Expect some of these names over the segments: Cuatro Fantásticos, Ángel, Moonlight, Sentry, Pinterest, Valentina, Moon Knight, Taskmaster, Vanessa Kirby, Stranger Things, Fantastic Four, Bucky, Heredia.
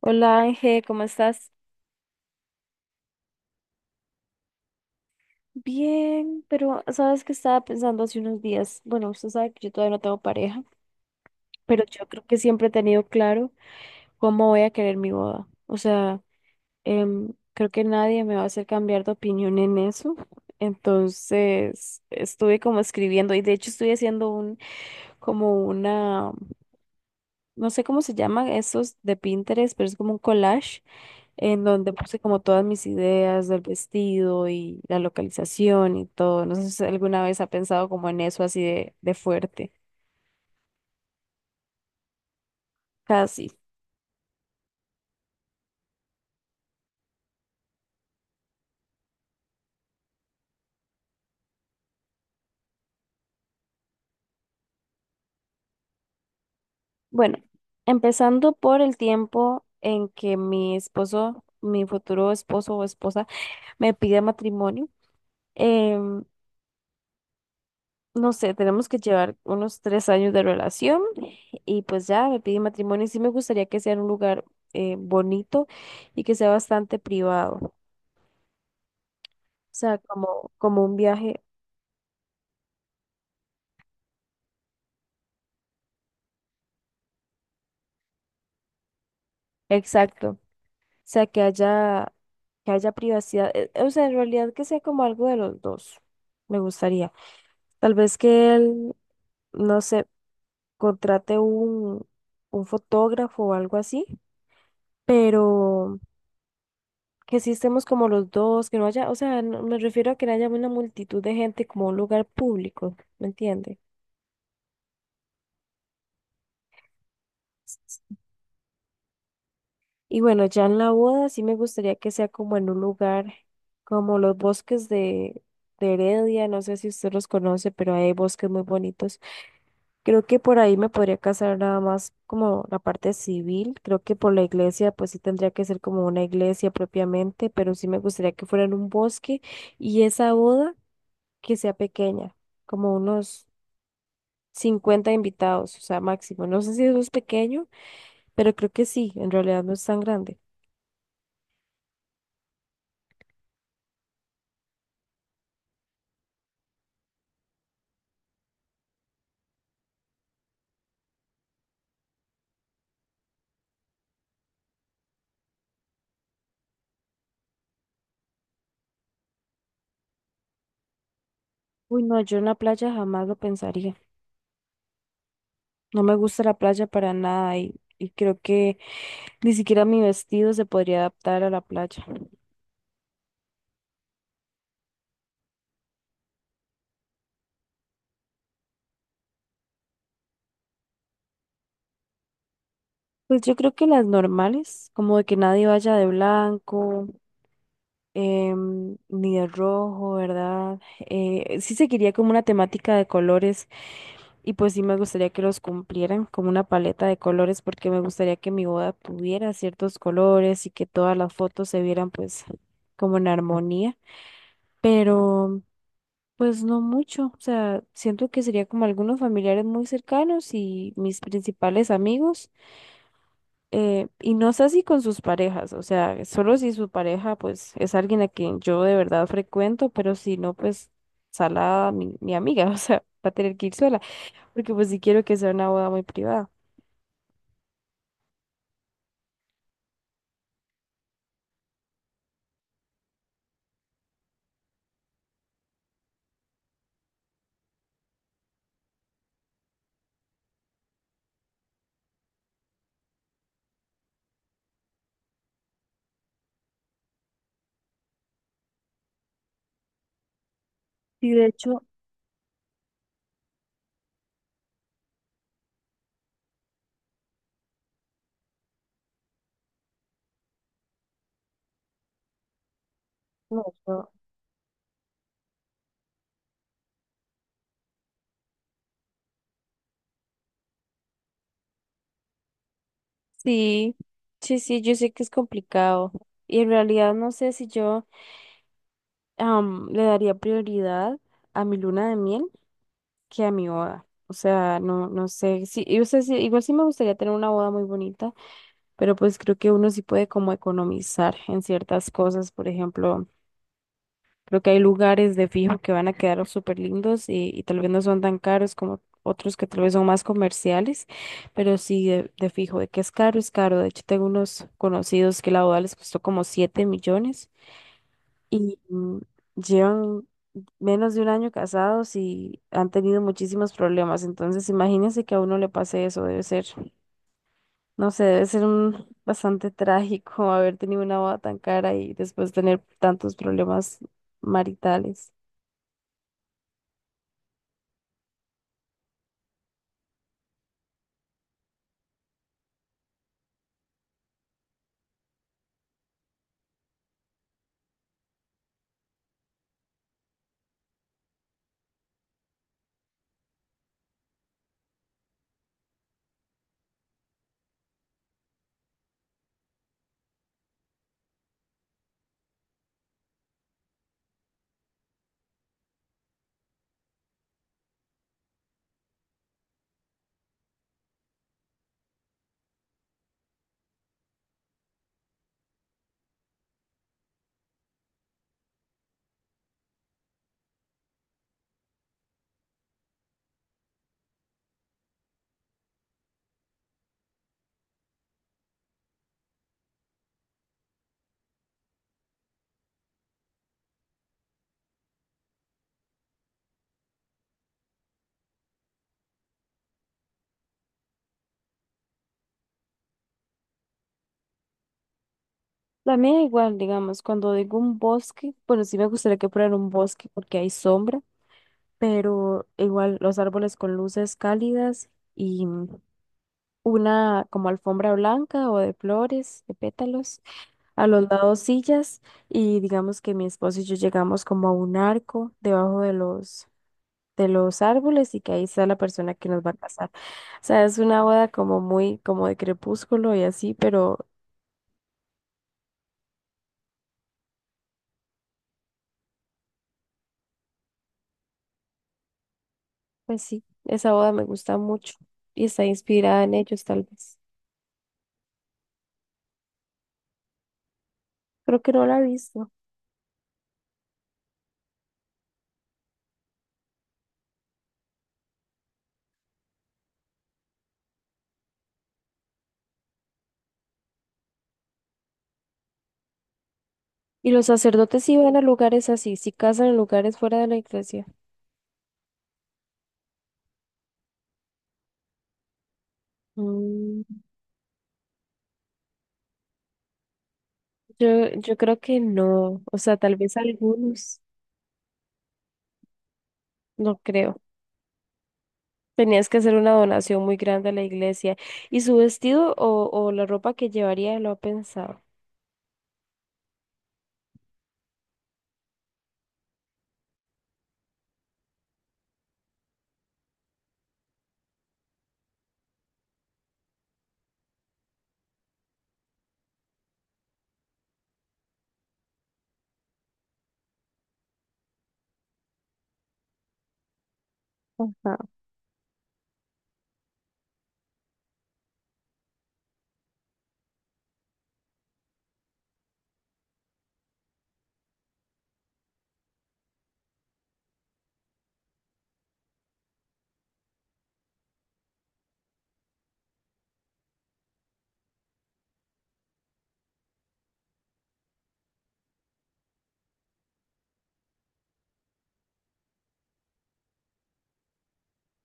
Hola Ángel, ¿cómo estás? Bien, pero sabes que estaba pensando hace unos días. Bueno, usted sabe que yo todavía no tengo pareja, pero yo creo que siempre he tenido claro cómo voy a querer mi boda. O sea, creo que nadie me va a hacer cambiar de opinión en eso. Entonces, estuve como escribiendo y de hecho estoy haciendo como no sé cómo se llama esos de Pinterest, pero es como un collage en donde puse como todas mis ideas del vestido y la localización y todo. No sé si alguna vez ha pensado como en eso así de fuerte. Casi. Bueno, empezando por el tiempo en que mi esposo, mi futuro esposo o esposa, me pide matrimonio. em, no sé, tenemos que llevar unos 3 años de relación y pues ya me pide matrimonio y sí me gustaría que sea en un lugar bonito y que sea bastante privado. O sea, como un viaje. Exacto. O sea, que haya privacidad. O sea, en realidad que sea como algo de los dos. Me gustaría. Tal vez que él, no sé, contrate un fotógrafo o algo así, pero que sí estemos como los dos, que no haya, o sea, me refiero a que no haya una multitud de gente como un lugar público, ¿me entiende? Y bueno, ya en la boda sí me gustaría que sea como en un lugar como los bosques de Heredia, no sé si usted los conoce, pero hay bosques muy bonitos. Creo que por ahí me podría casar nada más como la parte civil, creo que por la iglesia pues sí tendría que ser como una iglesia propiamente, pero sí me gustaría que fuera en un bosque y esa boda que sea pequeña, como unos 50 invitados, o sea, máximo. No sé si eso es pequeño, pero creo que sí, en realidad no es tan grande. Uy, no, yo en la playa jamás lo pensaría. No me gusta la playa para nada y creo que ni siquiera mi vestido se podría adaptar a la playa. Pues yo creo que las normales, como de que nadie vaya de blanco, ni de rojo, ¿verdad? Sí seguiría como una temática de colores y pues sí me gustaría que los cumplieran como una paleta de colores porque me gustaría que mi boda tuviera ciertos colores y que todas las fotos se vieran pues como en armonía. Pero... Pues no mucho, o sea, siento que sería como algunos familiares muy cercanos y mis principales amigos, y no sé si con sus parejas, o sea, solo si su pareja pues es alguien a quien yo de verdad frecuento, pero si no, pues salada mi amiga, o sea, va a tener que ir sola, porque pues sí quiero que sea una boda muy privada. Y de hecho, no, yo- sí, sí, yo sé que es complicado y en realidad no sé si yo le daría prioridad a mi luna de miel que a mi boda. O sea, no, no sé, sí, y, o sea, sí, igual sí me gustaría tener una boda muy bonita, pero pues creo que uno sí puede como economizar en ciertas cosas, por ejemplo, creo que hay lugares de fijo que van a quedar súper lindos y tal vez no son tan caros como otros que tal vez son más comerciales, pero sí de fijo, de que es caro, es caro. De hecho, tengo unos conocidos que la boda les costó como 7 millones y llevan menos de un año casados y han tenido muchísimos problemas. Entonces, imagínense que a uno le pase eso, debe ser, no sé, debe ser un bastante trágico haber tenido una boda tan cara y después tener tantos problemas maritales. La mía igual, digamos, cuando digo un bosque, bueno, sí me gustaría que fuera un bosque porque hay sombra, pero igual los árboles con luces cálidas y una como alfombra blanca o de flores, de pétalos a los lados sillas y digamos que mi esposo y yo llegamos como a un arco debajo de los árboles y que ahí está la persona que nos va a casar. O sea, es una boda como muy como de crepúsculo y así, pero pues sí, esa boda me gusta mucho y está inspirada en ellos tal vez. Creo que no la he visto. Y los sacerdotes sí van a lugares así, sí casan en lugares fuera de la iglesia. Mm, yo creo que no, o sea, tal vez algunos, no creo. Tenías que hacer una donación muy grande a la iglesia. ¿Y su vestido o la ropa que llevaría lo ha pensado? Ajá.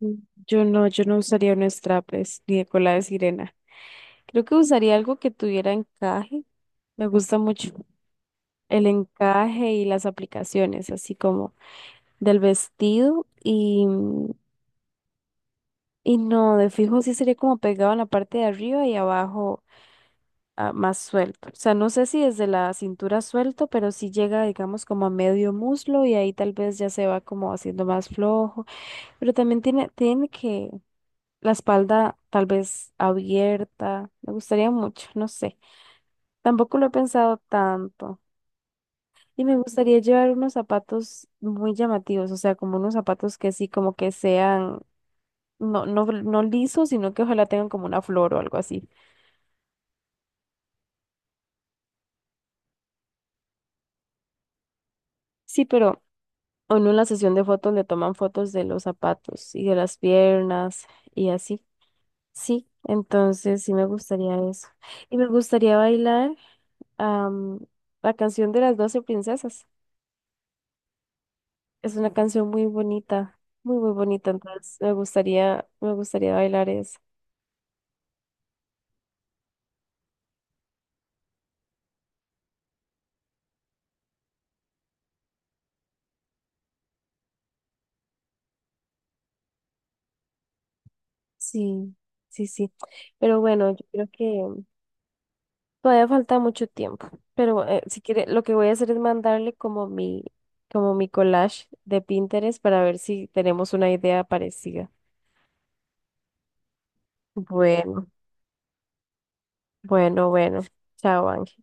Mm. Yo no, yo no usaría unos traples ni de cola de sirena. Creo que usaría algo que tuviera encaje. Me gusta mucho el encaje y las aplicaciones, así como del vestido y no, de fijo sí sería como pegado en la parte de arriba y abajo ah, más suelto. O sea, no sé si desde la cintura suelto, pero sí llega, digamos, como a medio muslo y ahí tal vez ya se va como haciendo más flojo. Pero también tiene que la espalda tal vez abierta. Me gustaría mucho, no sé. Tampoco lo he pensado tanto. Y me gustaría llevar unos zapatos muy llamativos, o sea, como unos zapatos que sí, como que sean, no lisos, sino que ojalá tengan como una flor o algo así. Sí, pero o en una sesión de fotos le toman fotos de los zapatos y de las piernas y así. Sí, entonces sí me gustaría eso. Y me gustaría bailar am, la canción de las 12 princesas. Es una canción muy bonita, muy, muy bonita. Entonces me gustaría bailar eso. Sí, sí, sí. Pero bueno, yo creo que todavía falta mucho tiempo, pero si quiere, lo que voy a hacer es mandarle como como mi collage de Pinterest para ver si tenemos una idea parecida. Bueno, bueno. Chao, Ángel.